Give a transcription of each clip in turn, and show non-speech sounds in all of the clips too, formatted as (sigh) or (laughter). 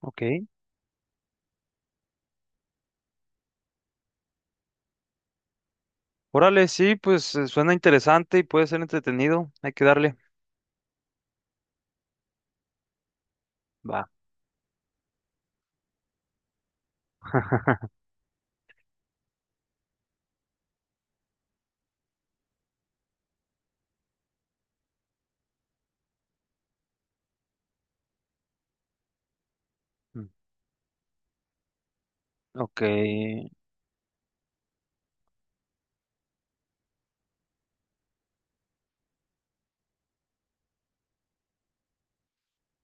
Ok. Órale, sí, pues suena interesante y puede ser entretenido. Hay que darle. Va. (laughs) Mm, ok.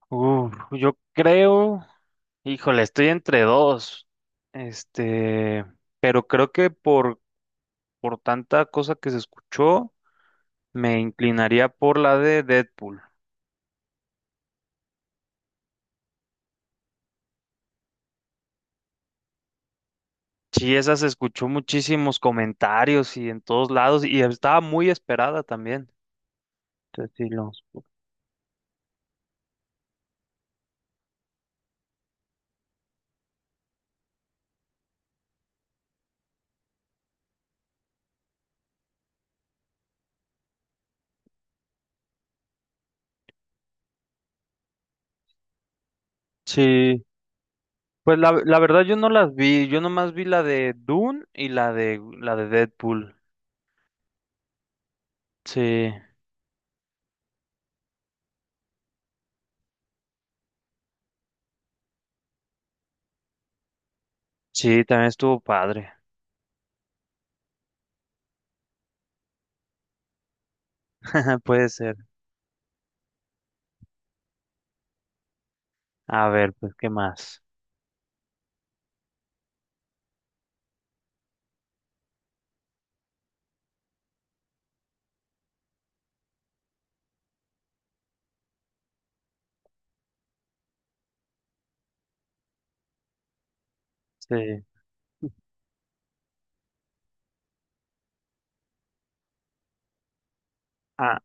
Uf, yo creo. Híjole, estoy entre dos. Este, pero creo que por tanta cosa que se escuchó, me inclinaría por la de Deadpool. Sí, esa se escuchó muchísimos comentarios y en todos lados, y estaba muy esperada también. Entonces, sí, pues la verdad yo no las vi, yo nomás vi la de Dune y la de Deadpool. Sí, sí, también estuvo padre. (laughs) Puede ser. A ver, pues, ¿qué más? Sí. Ah,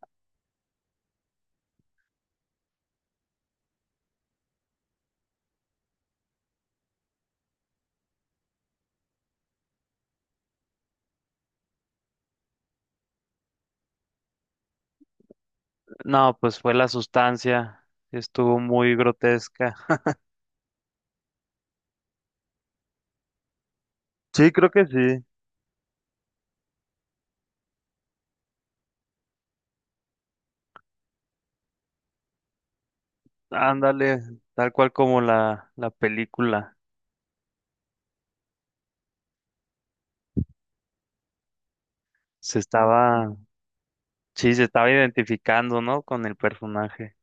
no, pues fue la sustancia. Estuvo muy grotesca. Sí, creo que sí. Ándale, tal cual como la película. Se estaba, sí, se estaba identificando, ¿no? Con el personaje.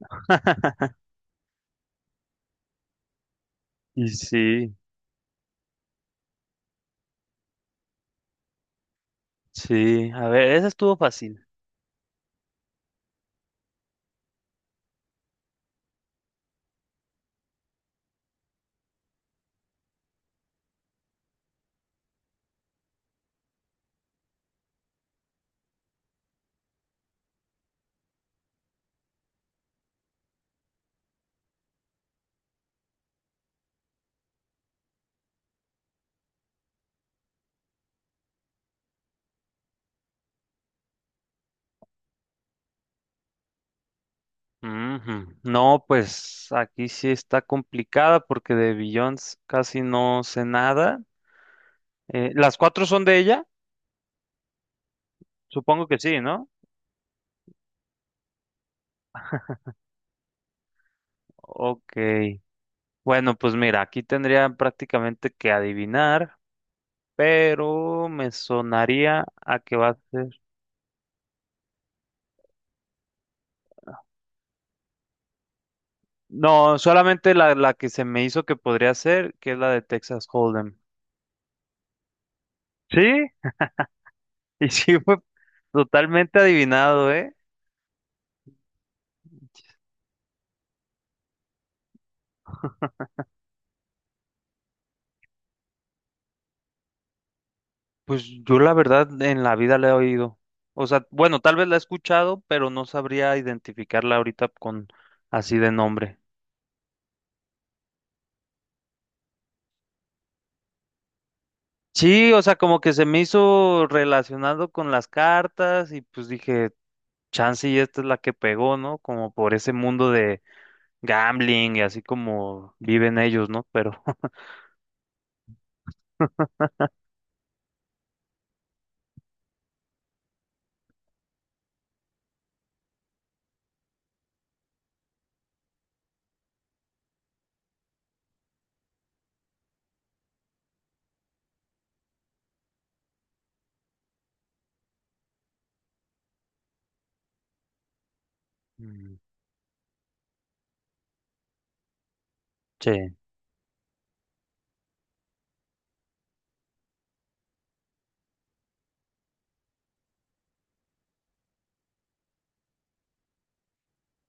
(laughs) Y sí, sí. A ver, esa estuvo fácil. Ujú. No, pues aquí sí está complicada porque de Beyoncé casi no sé nada. ¿Las cuatro son de ella? Supongo que sí, ¿no? Ok. Bueno, pues mira, aquí tendría prácticamente que adivinar, pero me sonaría a que va a ser... No, solamente la que se me hizo que podría ser, que es la de Texas Hold'em. Sí, (laughs) y sí fue totalmente adivinado, ¿eh? Pues yo la verdad en la vida la he oído. O sea, bueno, tal vez la he escuchado, pero no sabría identificarla ahorita con así de nombre. Sí, o sea, como que se me hizo relacionado con las cartas y pues dije, chance y esta es la que pegó, ¿no? Como por ese mundo de gambling y así como viven ellos, ¿no? Pero (laughs) mm, sí.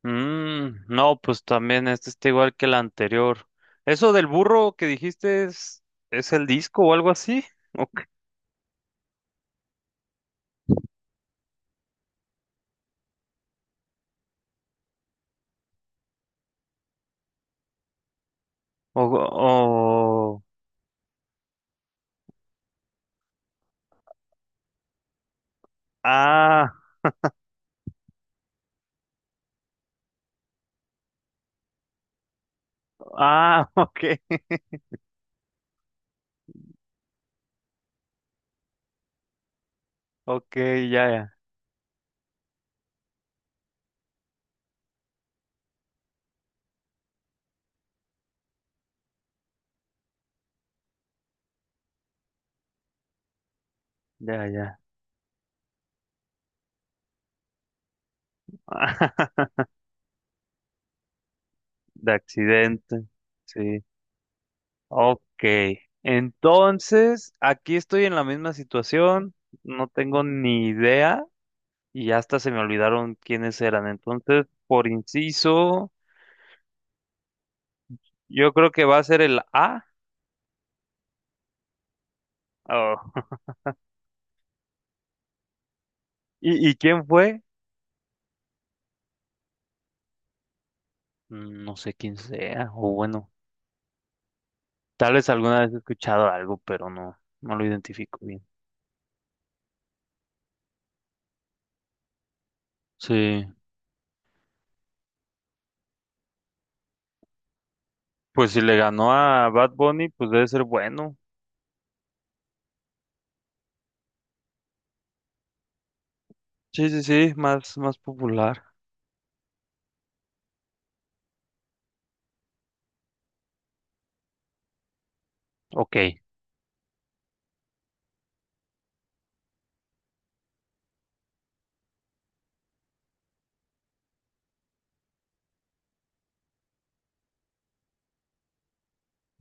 Mm, no, pues también este está igual que el anterior. ¿Eso del burro que dijiste es el disco o algo así? (laughs) O, o, ah, (laughs) ok, ok, ya, ya, ya, ya. (laughs) De accidente, sí, ok. Entonces, aquí estoy en la misma situación, no tengo ni idea y hasta se me olvidaron quiénes eran. Entonces, por inciso, yo creo que va a ser el A. Oh, (laughs) ¿y, y quién fue? Mm, no sé quién sea, o bueno, tal vez alguna vez he escuchado algo, pero no, no lo identifico bien. Sí, pues si le ganó a Bad Bunny, pues debe ser bueno. Sí, sí, sí, más, más popular. Ok.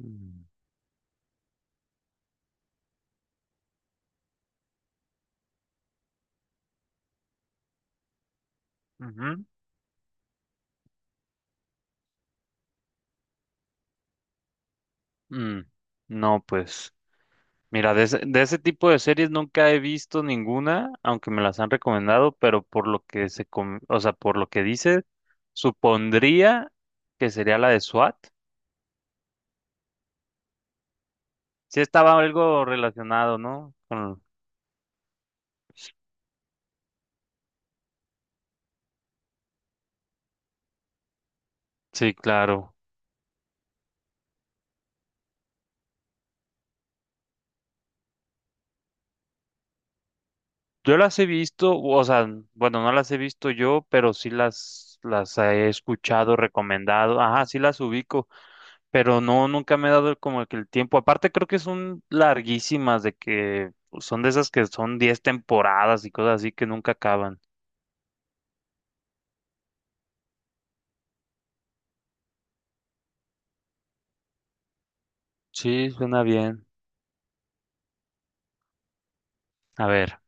Mm, ujú, mm. No, pues, mira, de ese tipo de series nunca he visto ninguna, aunque me las han recomendado, pero por lo que se, o sea, por lo que dice, supondría que sería la de SWAT. Sí, estaba algo relacionado, ¿no? Con- Sí, claro. Yo las he visto, o sea, bueno, no las he visto yo, pero sí las he escuchado, recomendado. Ajá, sí las ubico, pero no, nunca me he dado como que el tiempo. Aparte, creo que son larguísimas, de que son de esas que son 10 temporadas y cosas así que nunca acaban. Sí, suena bien. A ver,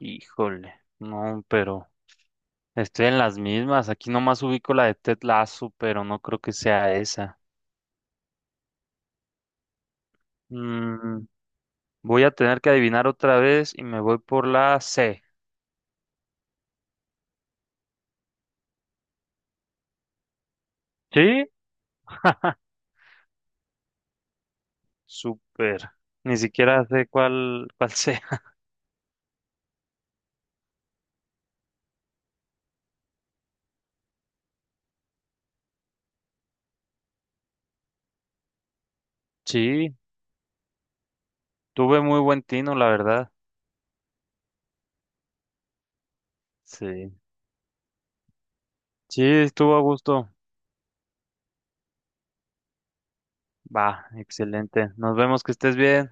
híjole, no, pero estoy en las mismas. Aquí nomás ubico la de Ted Lasso, pero no creo que sea esa. Mm, voy a tener que adivinar otra vez y me voy por la C. Sí, (laughs) súper. Ni siquiera sé cuál (laughs) sea. Sí, tuve muy buen tino, la verdad. Sí, sí, estuvo a gusto. Va, excelente. Nos vemos, que estés bien.